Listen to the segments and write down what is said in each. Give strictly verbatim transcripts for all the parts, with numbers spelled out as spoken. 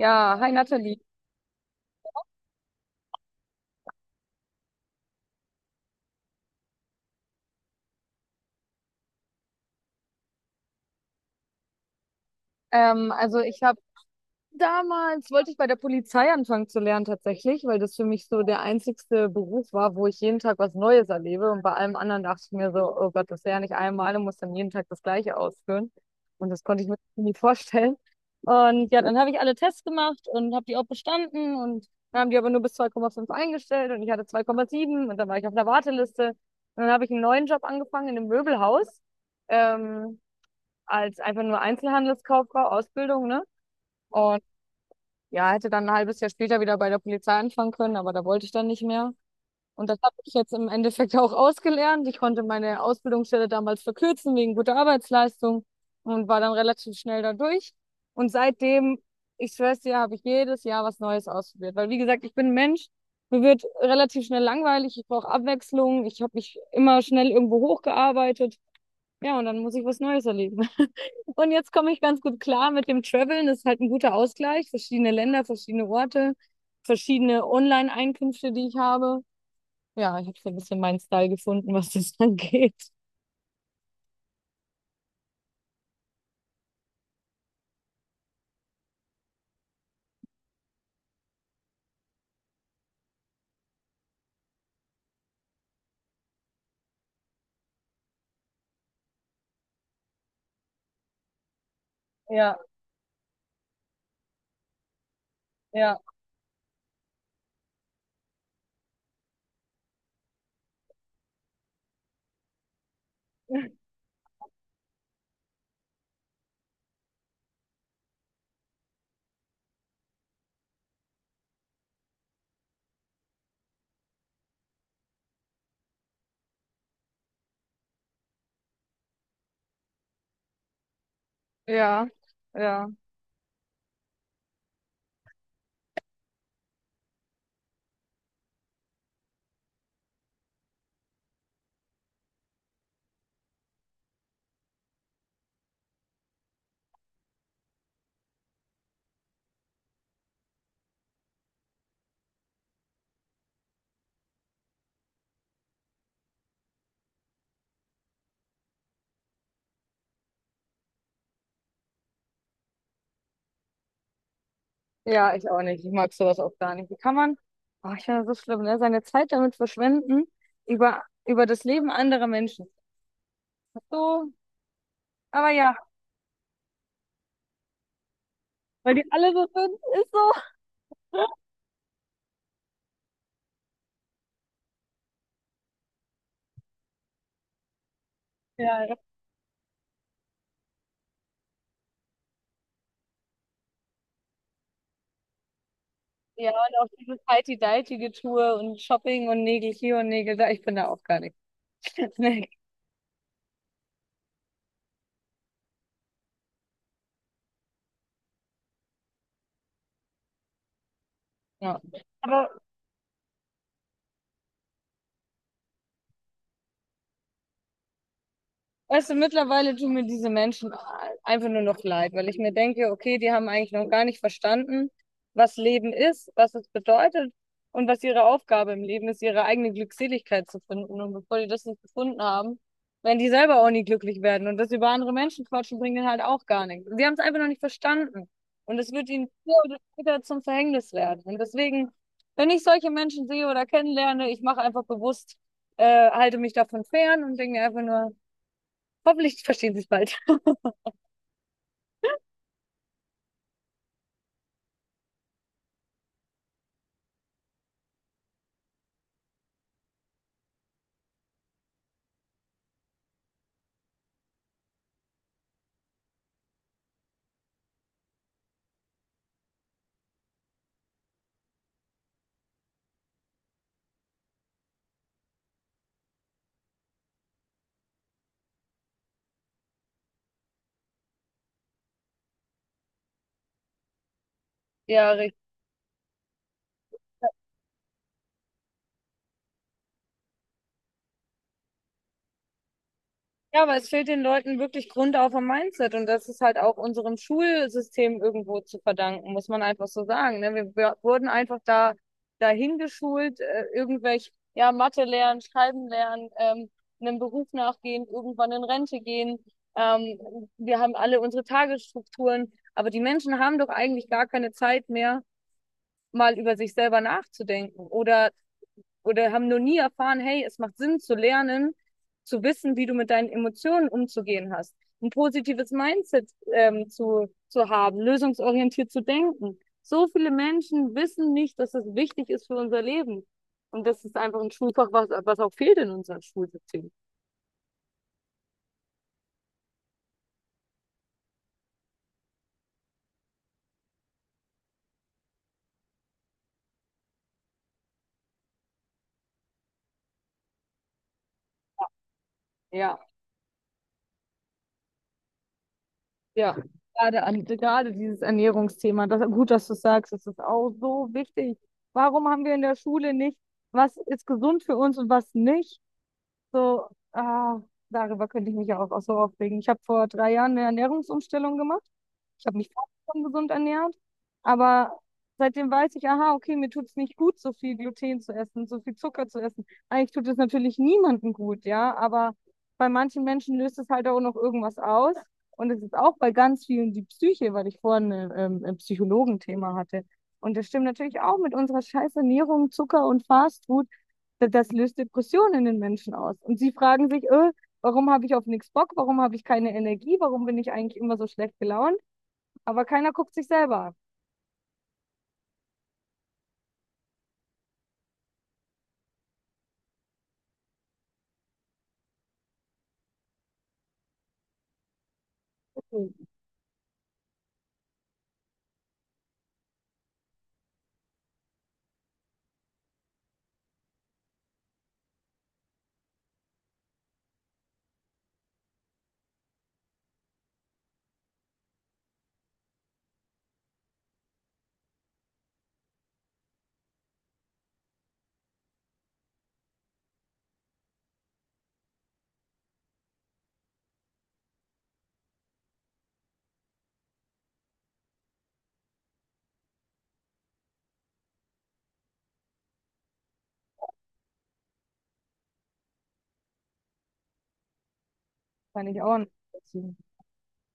Ja, hi Nathalie. Ähm, also ich habe damals, wollte ich bei der Polizei anfangen zu lernen tatsächlich, weil das für mich so der einzigste Beruf war, wo ich jeden Tag was Neues erlebe. Und bei allem anderen dachte ich mir so, oh Gott, das ist ja nicht einmal und muss dann jeden Tag das Gleiche ausführen. Und das konnte ich mir nie vorstellen. Und ja, dann habe ich alle Tests gemacht und habe die auch bestanden. Und dann haben die aber nur bis zwei Komma fünf eingestellt und ich hatte zwei Komma sieben und dann war ich auf einer Warteliste. Und dann habe ich einen neuen Job angefangen in einem Möbelhaus. Ähm, als einfach nur Einzelhandelskauffrau, Ausbildung, ne? Und ja, hätte dann ein halbes Jahr später wieder bei der Polizei anfangen können, aber da wollte ich dann nicht mehr. Und das habe ich jetzt im Endeffekt auch ausgelernt. Ich konnte meine Ausbildungsstelle damals verkürzen wegen guter Arbeitsleistung und war dann relativ schnell da durch. Und seitdem, ich schwör's dir, habe ich jedes Jahr was Neues ausprobiert. Weil, wie gesagt, ich bin ein Mensch, mir wird relativ schnell langweilig, ich brauche Abwechslung, ich habe mich immer schnell irgendwo hochgearbeitet, ja, und dann muss ich was Neues erleben. Und jetzt komme ich ganz gut klar mit dem Traveln. Das ist halt ein guter Ausgleich. Verschiedene Länder, verschiedene Orte, verschiedene Online-Einkünfte, die ich habe. Ja, ich habe so ein bisschen meinen Style gefunden, was das angeht. Ja, ja, ja, ja, ja, ich auch nicht. Ich mag sowas auch gar nicht. Wie kann man, oh, ich finde das so schlimm, ne? Seine Zeit damit verschwenden, über, über das Leben anderer Menschen. So, aber ja, weil die alle so sind, ist so. Ja, ja. Ja, und auch dieses Heidi deitige Tour und Shopping und Nägel hier und Nägel da. Ich bin da auch gar nicht. Nee. Ja. Aber weißt du, mittlerweile tun mir diese Menschen einfach nur noch leid, weil ich mir denke, okay, die haben eigentlich noch gar nicht verstanden, was Leben ist, was es bedeutet und was ihre Aufgabe im Leben ist, ihre eigene Glückseligkeit zu finden. Und bevor die das nicht gefunden haben, werden die selber auch nie glücklich werden. Und das über andere Menschen quatschen bringt ihnen halt auch gar nichts. Sie haben es einfach noch nicht verstanden. Und es wird ihnen früher oder später zum Verhängnis werden. Und deswegen, wenn ich solche Menschen sehe oder kennenlerne, ich mache einfach bewusst, äh, halte mich davon fern und denke mir einfach nur, hoffentlich verstehen sie es bald. Ja, richtig. Ja, aber es fehlt den Leuten wirklich grundauf am Mindset und das ist halt auch unserem Schulsystem irgendwo zu verdanken, muss man einfach so sagen. Ne? Wir, wir wurden einfach da dahin geschult, äh, irgendwelche, ja, Mathe lernen, Schreiben lernen, ähm, einem Beruf nachgehen, irgendwann in Rente gehen. Ähm, wir haben alle unsere Tagesstrukturen, aber die Menschen haben doch eigentlich gar keine Zeit mehr, mal über sich selber nachzudenken oder oder haben noch nie erfahren, hey, es macht Sinn zu lernen, zu wissen, wie du mit deinen Emotionen umzugehen hast, ein positives Mindset ähm, zu, zu haben, lösungsorientiert zu denken. So viele Menschen wissen nicht, dass das wichtig ist für unser Leben. Und das ist einfach ein Schulfach, was, was auch fehlt in unserem Schulsystem. Ja, ja. Gerade, an, gerade dieses Ernährungsthema, das, gut, dass du es sagst, das ist auch so wichtig. Warum haben wir in der Schule nicht, was ist gesund für uns und was nicht? So, ah, darüber könnte ich mich ja auch, auch so aufregen. Ich habe vor drei Jahren eine Ernährungsumstellung gemacht. Ich habe mich fast schon gesund ernährt, aber seitdem weiß ich, aha, okay, mir tut es nicht gut, so viel Gluten zu essen, so viel Zucker zu essen. Eigentlich tut es natürlich niemandem gut, ja, aber bei manchen Menschen löst es halt auch noch irgendwas aus. Und es ist auch bei ganz vielen die Psyche, weil ich vorhin äh, ähm, ein Psychologenthema hatte. Und das stimmt natürlich auch mit unserer scheiß Ernährung, Zucker und Fastfood, das, das löst Depressionen in den Menschen aus. Und sie fragen sich, äh, warum habe ich auf nichts Bock? Warum habe ich keine Energie? Warum bin ich eigentlich immer so schlecht gelaunt? Aber keiner guckt sich selber an. Okay, kann ich auch nicht nachvollziehen.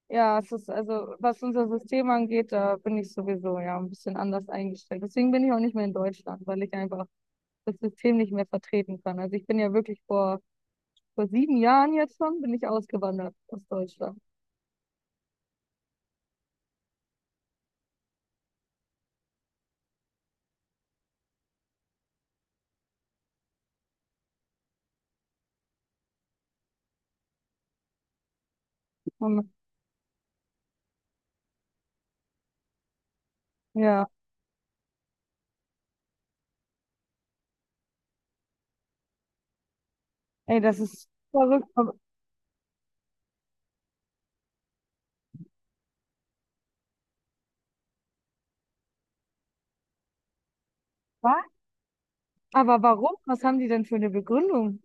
Ja, es ist also, was unser System angeht, da bin ich sowieso ja ein bisschen anders eingestellt. Deswegen bin ich auch nicht mehr in Deutschland, weil ich einfach das System nicht mehr vertreten kann. Also ich bin ja wirklich vor, vor sieben Jahren jetzt schon, bin ich ausgewandert aus Deutschland. Und, ja, ey, das ist verrückt. Aber- Was? Aber warum? Was haben die denn für eine Begründung?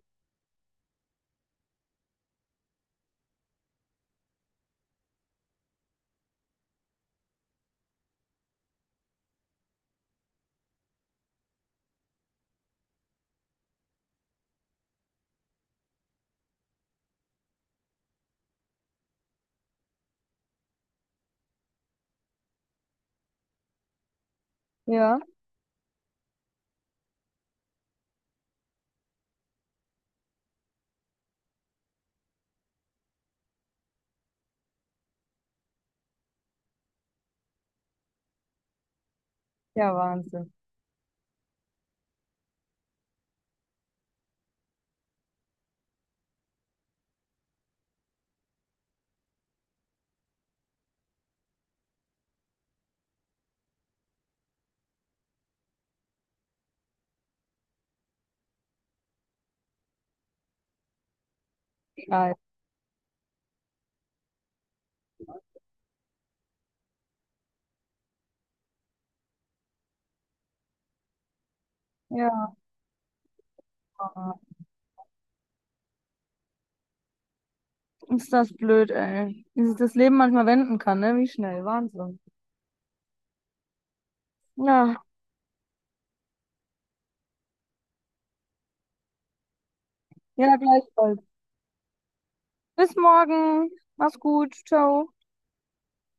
Ja, ja, Wahnsinn. Geil. Ja, ist das blöd, ey. Wie sich das Leben manchmal wenden kann, ne? Wie schnell. Wahnsinn. Ja, ja, gleichfalls. Bis morgen. Mach's gut. Ciao.